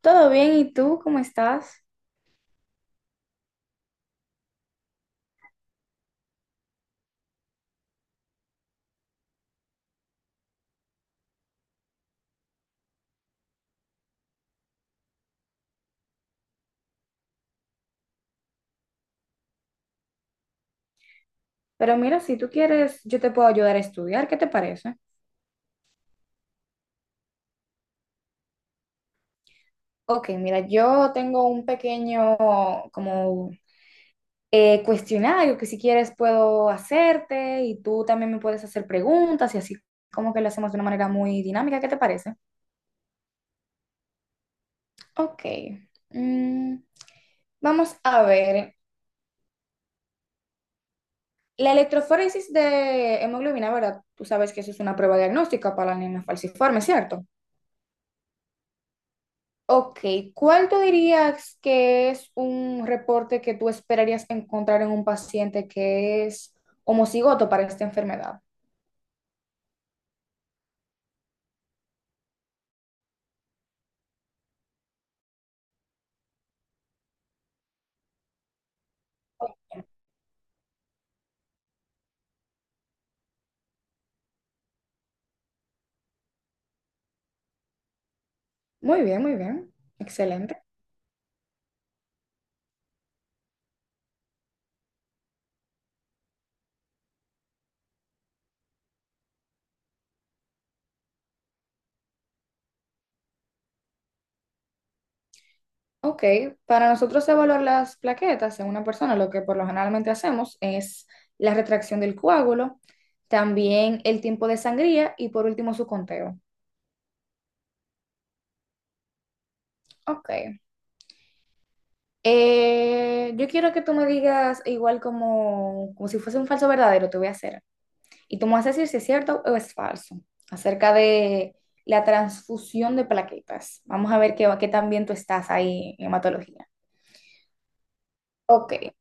Todo bien, ¿y tú cómo estás? Pero mira, si tú quieres, yo te puedo ayudar a estudiar, ¿qué te parece? Ok, mira, yo tengo un pequeño como cuestionario que si quieres puedo hacerte y tú también me puedes hacer preguntas y así como que lo hacemos de una manera muy dinámica, ¿qué te parece? Ok, mm, vamos a ver. La electroforesis de hemoglobina, ¿verdad? Tú sabes que eso es una prueba diagnóstica para la anemia falciforme, ¿cierto? Ok, ¿cuál tú dirías que es un reporte que tú esperarías encontrar en un paciente que es homocigoto para esta enfermedad? Muy bien, muy bien. Excelente. Ok, para nosotros evaluar las plaquetas en una persona, lo que por lo generalmente hacemos es la retracción del coágulo, también el tiempo de sangría y por último su conteo. Ok. Yo quiero que tú me digas igual como, como si fuese un falso verdadero, te voy a hacer. Y tú me vas a decir si es cierto o es falso acerca de la transfusión de plaquetas. Vamos a ver qué, qué tan bien tú estás ahí en hematología. Ok.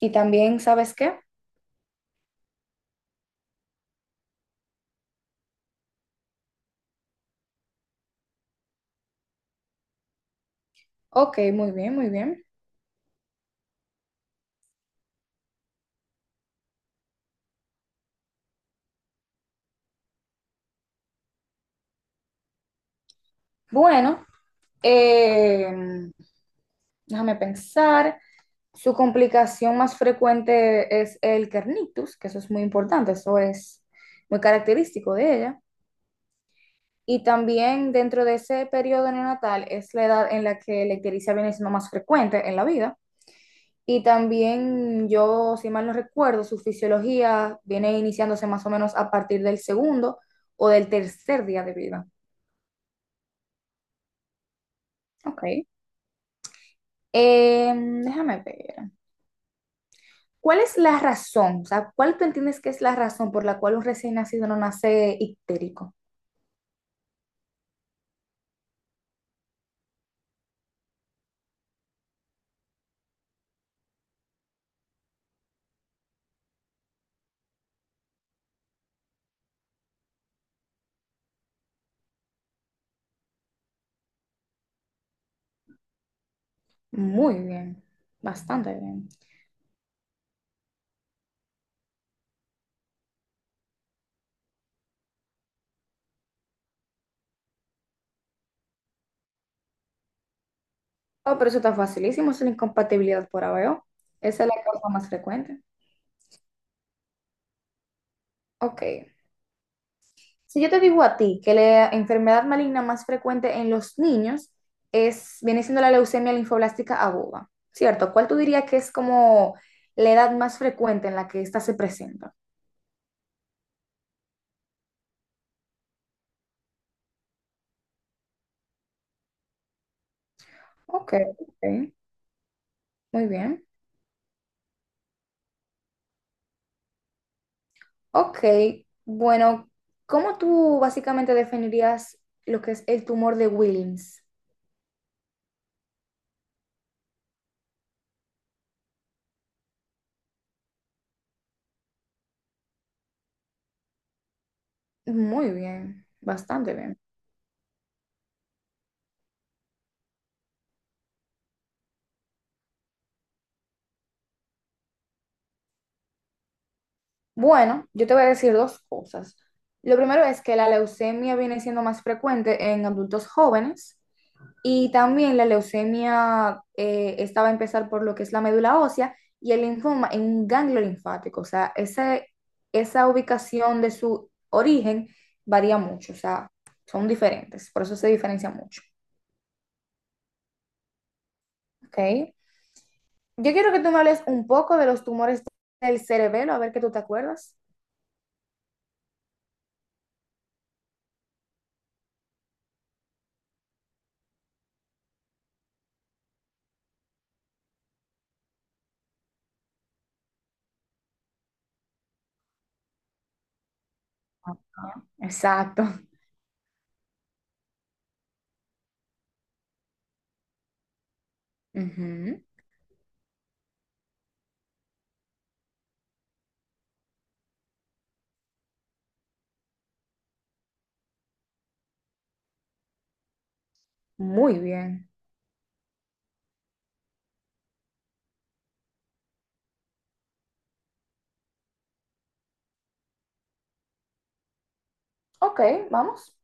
¿Y también sabes qué? Ok, muy bien, muy bien. Bueno, eh, déjame pensar. Su complicación más frecuente es el kernitus, que eso es muy importante, eso es muy característico de ella. Y también dentro de ese periodo neonatal es la edad en la que la ictericia viene siendo más frecuente en la vida. Y también yo, si mal no recuerdo, su fisiología viene iniciándose más o menos a partir del segundo o del tercer día de vida. Ok. Eh, Déjame ver. ¿Cuál es la razón? O sea, ¿cuál tú entiendes que es la razón por la cual un recién nacido no nace ictérico? Muy bien, bastante bien. Oh, pero eso está facilísimo, es la incompatibilidad por ABO. Esa es la causa más frecuente. Ok. Si yo te digo a ti que la enfermedad maligna más frecuente en los niños es, viene siendo la leucemia linfoblástica aguda, ¿cierto? ¿Cuál tú dirías que es como la edad más frecuente en la que esta se presenta? Ok, ok, muy bien. Ok, bueno, ¿cómo tú básicamente definirías lo que es el tumor de Wilms? Muy bien, bastante bien. Bueno, yo te voy a decir dos cosas. Lo primero es que la leucemia viene siendo más frecuente en adultos jóvenes y también la leucemia esta va a empezar por lo que es la médula ósea y el linfoma en un ganglio linfático. O sea, esa ubicación de su origen varía mucho, o sea, son diferentes, por eso se diferencia mucho. ¿Ok? Yo quiero que tú me hables un poco de los tumores del cerebelo, a ver que tú te acuerdas. Exacto. Ujú. Muy bien. Ok, vamos.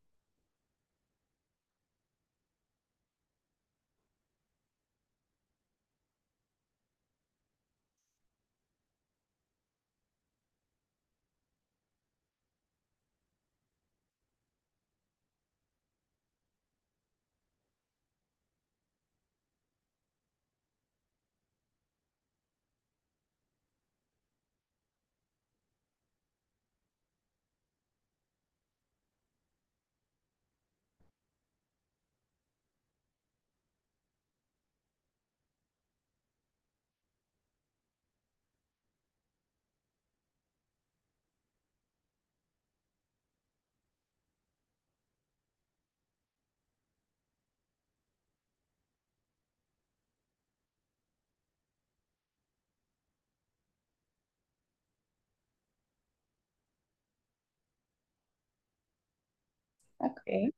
Ok. Ok.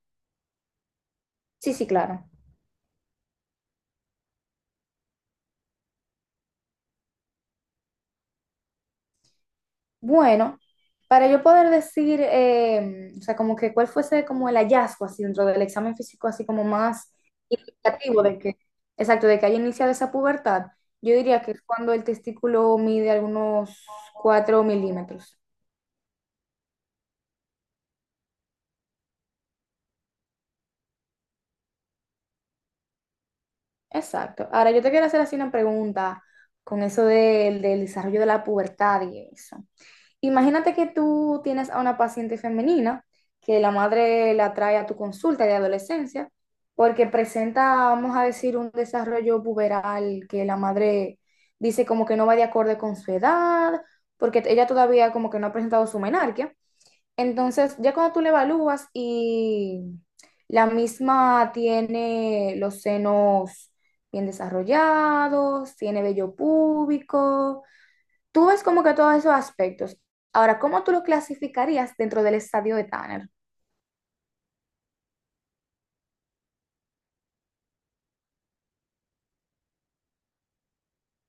Sí, sí, claro. Bueno, para yo poder decir, o sea, como que cuál fuese como el hallazgo así dentro del examen físico, así como más indicativo de que, exacto, de que haya iniciado esa pubertad, yo diría que es cuando el testículo mide algunos 4 milímetros. Exacto. Ahora yo te quiero hacer así una pregunta con eso del desarrollo de la pubertad y eso. Imagínate que tú tienes a una paciente femenina que la madre la trae a tu consulta de adolescencia porque presenta, vamos a decir, un desarrollo puberal que la madre dice como que no va de acorde con su edad, porque ella todavía como que no ha presentado su menarquia. Entonces, ya cuando tú la evalúas y la misma tiene los senos bien desarrollados, tiene vello púbico. Tú ves como que todos esos aspectos. Ahora, ¿cómo tú lo clasificarías dentro del estadio de Tanner?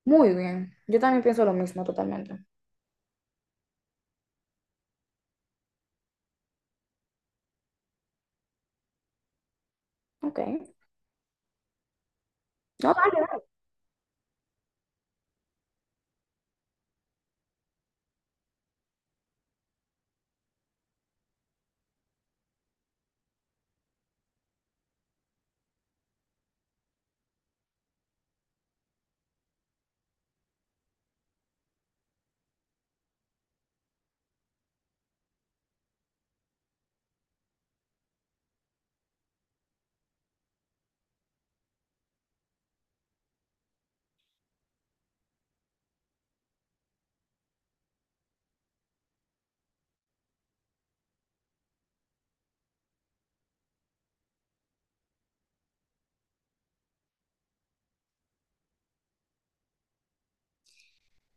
Muy bien, yo también pienso lo mismo totalmente. Ok. No, dale, dale.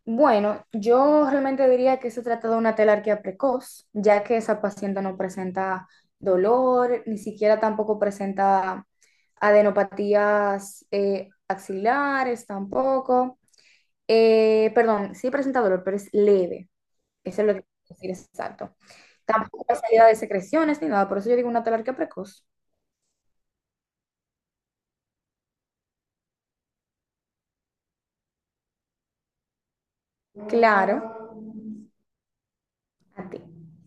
Bueno, yo realmente diría que se trata de una telarquía precoz, ya que esa paciente no presenta dolor, ni siquiera tampoco presenta adenopatías axilares tampoco. Perdón, sí presenta dolor, pero es leve. Eso es lo que quiero decir exacto. Tampoco hay salida de secreciones ni nada, por eso yo digo una talarquía precoz. Claro, a ti.